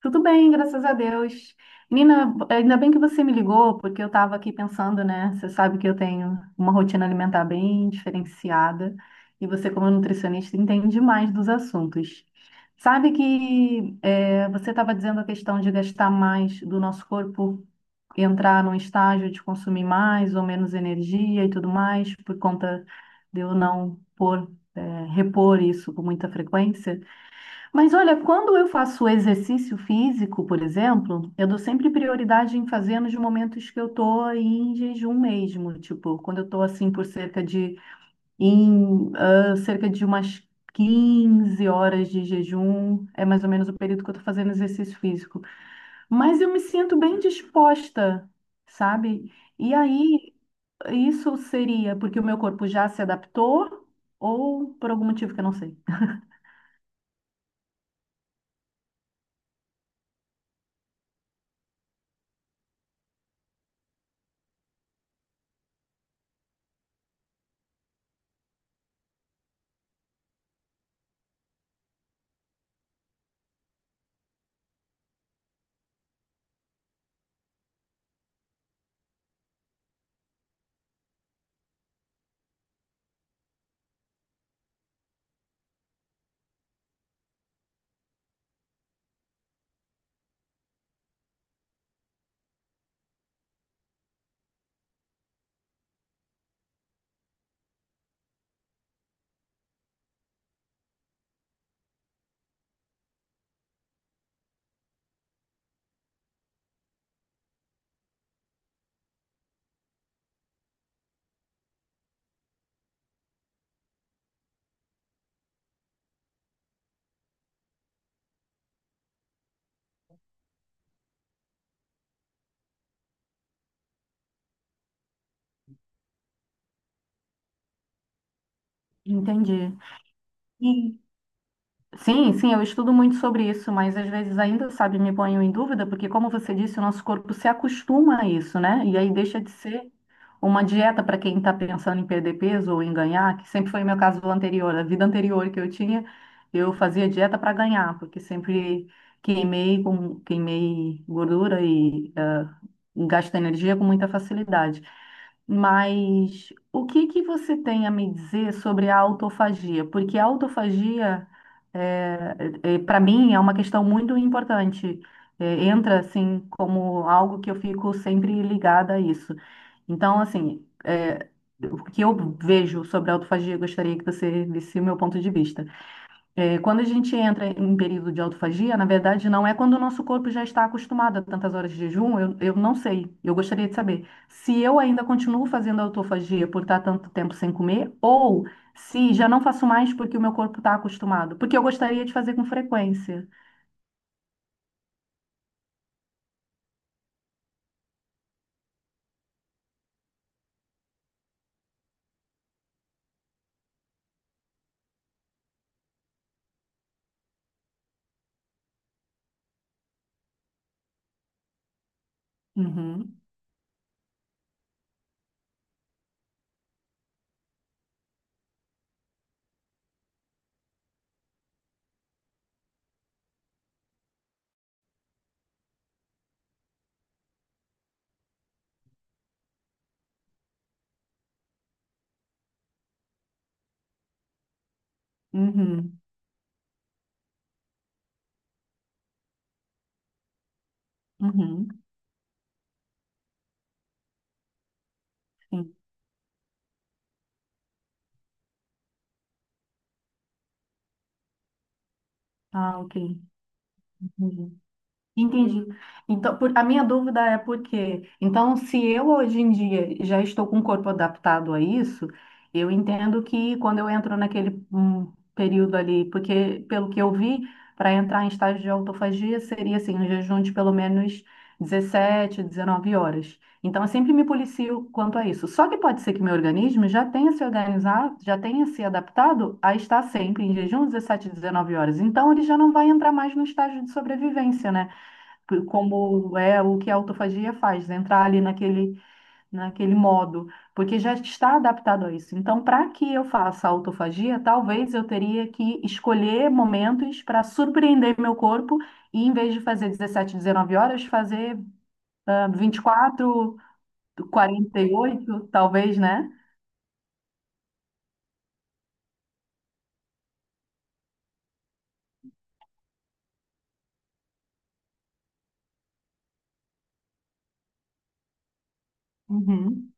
Tudo bem, graças a Deus. Nina, ainda bem que você me ligou, porque eu estava aqui pensando, né? Você sabe que eu tenho uma rotina alimentar bem diferenciada e você, como nutricionista, entende mais dos assuntos. Sabe que é, você estava dizendo a questão de gastar mais do nosso corpo, entrar num estágio de consumir mais ou menos energia e tudo mais, por conta de eu não pôr, repor isso com muita frequência. Mas olha, quando eu faço exercício físico, por exemplo, eu dou sempre prioridade em fazer nos momentos que eu tô em jejum mesmo, tipo, quando eu tô assim por cerca de umas 15 horas de jejum, é mais ou menos o período que eu tô fazendo exercício físico. Mas eu me sinto bem disposta, sabe? E aí isso seria porque o meu corpo já se adaptou ou por algum motivo que eu não sei. Entendi. E Sim, sim, eu estudo muito sobre isso, mas às vezes ainda, sabe, me ponho em dúvida, porque como você disse, o nosso corpo se acostuma a isso, né? E aí deixa de ser uma dieta para quem está pensando em perder peso ou em ganhar, que sempre foi o meu caso anterior, a vida anterior que eu tinha, eu fazia dieta para ganhar, porque sempre queimei gordura e gasto energia com muita facilidade. Mas o que que você tem a me dizer sobre a autofagia? Porque a autofagia para mim é uma questão muito importante. Entra assim como algo que eu fico sempre ligada a isso. Então, assim, o que eu vejo sobre a autofagia, eu gostaria que você visse o meu ponto de vista. Quando a gente entra em período de autofagia, na verdade, não é quando o nosso corpo já está acostumado a tantas horas de jejum, eu não sei. Eu gostaria de saber se eu ainda continuo fazendo autofagia por estar tanto tempo sem comer, ou se já não faço mais porque o meu corpo está acostumado. Porque eu gostaria de fazer com frequência. Uhum, uhum, uhum, sim. Ah, ok. Entendi. Entendi. Então, a minha dúvida é por quê? Então, se eu hoje em dia já estou com o corpo adaptado a isso, eu entendo que quando eu entro naquele período ali, porque pelo que eu vi, para entrar em estágio de autofagia seria assim, um jejum de pelo menos 17, 19 horas. Então, eu sempre me policio quanto a isso. Só que pode ser que meu organismo já tenha se organizado, já tenha se adaptado a estar sempre em jejum 17, 19 horas. Então, ele já não vai entrar mais no estágio de sobrevivência, né? Como é o que a autofagia faz, né? Entrar ali naquele modo, porque já está adaptado a isso. Então, para que eu faça autofagia, talvez eu teria que escolher momentos para surpreender meu corpo e, em vez de fazer 17, 19 horas, fazer ah, vinte e 48, talvez, né? Uhum.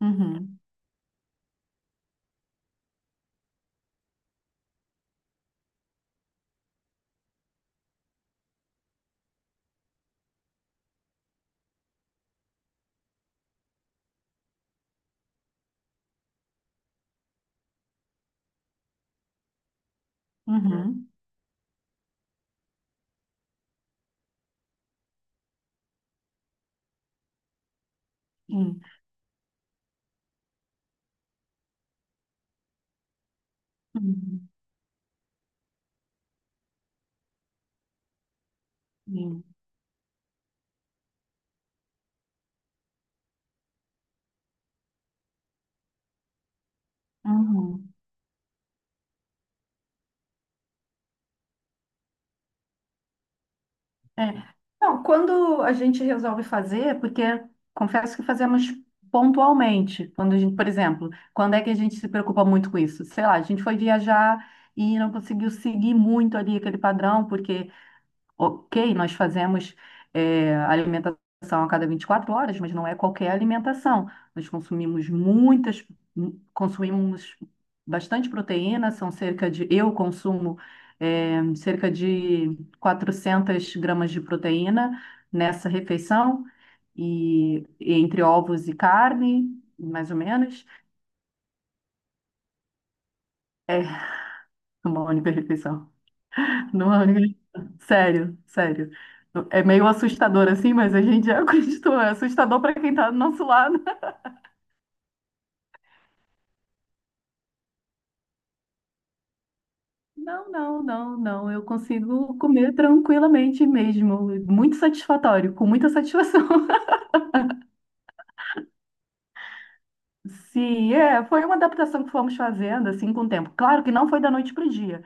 Uhum. Uhum. Uhum. Uhum. Sim. Uhum. É. Não, quando a gente resolve fazer, porque confesso que fazemos pontualmente, quando a gente, por exemplo, quando é que a gente se preocupa muito com isso? Sei lá, a gente foi viajar e não conseguiu seguir muito ali aquele padrão, porque ok, nós fazemos alimentação a cada 24 horas, mas não é qualquer alimentação. Nós consumimos bastante proteína, são cerca de, eu consumo cerca de 400 gramas de proteína nessa refeição, e entre ovos e carne, mais ou menos, é uma única refeição. Não acredito. Sério, sério. É meio assustador assim, mas a gente já acreditou. É assustador para quem tá do nosso lado. Não, não, não, não. Eu consigo comer tranquilamente mesmo. Muito satisfatório, com muita satisfação. Sim, é. Foi uma adaptação que fomos fazendo assim com o tempo. Claro que não foi da noite para o dia.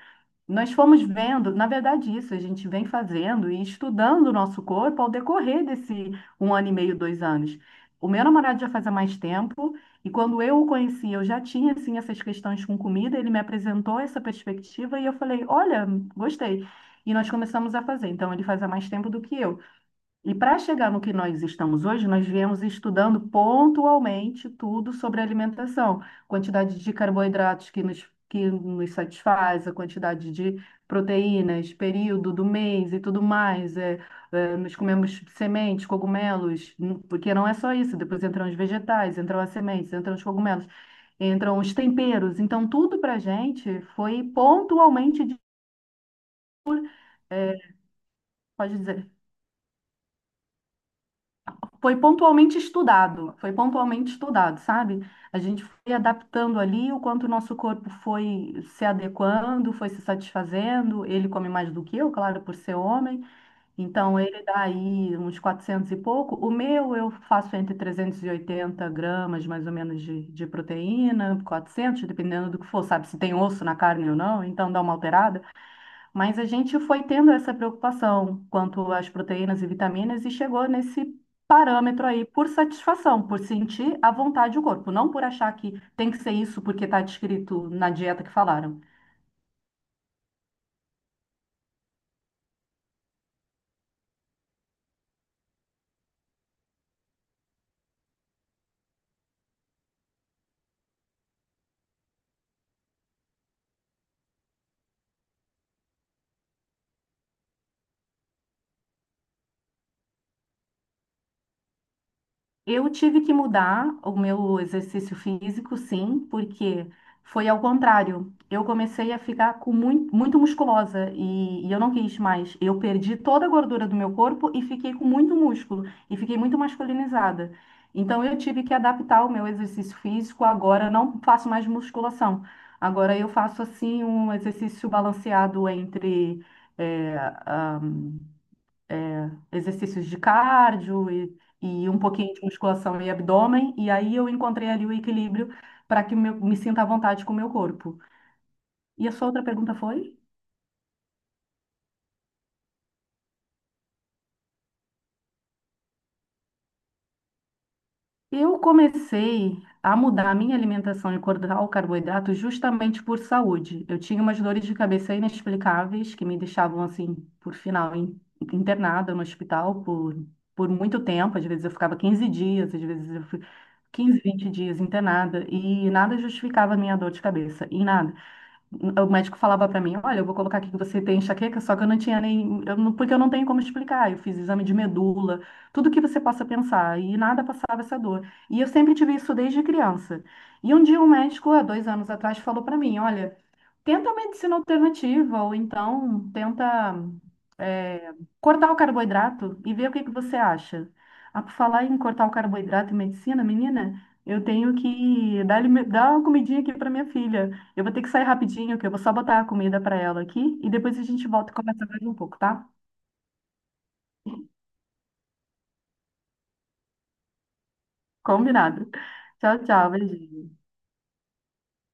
Nós fomos vendo, na verdade, isso a gente vem fazendo e estudando o nosso corpo ao decorrer desse 1 ano e meio, 2 anos. O meu namorado já faz há mais tempo, e quando eu o conheci, eu já tinha assim, essas questões com comida, ele me apresentou essa perspectiva e eu falei: Olha, gostei. E nós começamos a fazer. Então, ele faz há mais tempo do que eu. E para chegar no que nós estamos hoje, nós viemos estudando pontualmente tudo sobre alimentação, quantidade de carboidratos que nos satisfaz, a quantidade de proteínas, período do mês e tudo mais. Nós comemos sementes, cogumelos, porque não é só isso, depois entram os vegetais, entram as sementes, entram os cogumelos, entram os temperos. Então, tudo para a gente foi pontualmente, é, pode dizer. Foi pontualmente estudado, sabe? A gente foi adaptando ali o quanto o nosso corpo foi se adequando, foi se satisfazendo. Ele come mais do que eu, claro, por ser homem. Então, ele dá aí uns 400 e pouco. O meu, eu faço entre 380 gramas, mais ou menos, de proteína, 400, dependendo do que for, sabe? Se tem osso na carne ou não, então dá uma alterada. Mas a gente foi tendo essa preocupação quanto às proteínas e vitaminas e chegou nesse parâmetro aí por satisfação, por sentir à vontade o corpo, não por achar que tem que ser isso porque está descrito na dieta que falaram. Eu tive que mudar o meu exercício físico, sim, porque foi ao contrário. Eu comecei a ficar com muito, muito musculosa e eu não quis mais. Eu perdi toda a gordura do meu corpo e fiquei com muito músculo e fiquei muito masculinizada. Então eu tive que adaptar o meu exercício físico. Agora eu não faço mais musculação. Agora eu faço assim um exercício balanceado entre exercícios de cardio e um pouquinho de musculação e abdômen, e aí eu encontrei ali o equilíbrio para que me sinta à vontade com o meu corpo. E a sua outra pergunta foi? Eu comecei a mudar a minha alimentação e cortar o carboidrato justamente por saúde. Eu tinha umas dores de cabeça inexplicáveis que me deixavam, assim, por final, internada no hospital por muito tempo. Às vezes eu ficava 15 dias, às vezes eu fui 15, 20 dias internada e nada justificava a minha dor de cabeça, e nada. O médico falava para mim, olha, eu vou colocar aqui que você tem enxaqueca, só que eu não tinha nem, eu não- porque eu não tenho como explicar. Eu fiz exame de medula, tudo que você possa pensar, e nada passava essa dor. E eu sempre tive isso desde criança. E um dia um médico, há 2 anos atrás, falou para mim, olha, tenta uma medicina alternativa, ou então tenta é, cortar o carboidrato e ver o que que você acha. Ah, por falar em cortar o carboidrato e medicina, menina, eu tenho que dar, dar uma comidinha aqui para minha filha. Eu vou ter que sair rapidinho, que eu vou só botar a comida para ela aqui e depois a gente volta e conversa mais um pouco, tá? Combinado. Tchau, tchau, beijinho.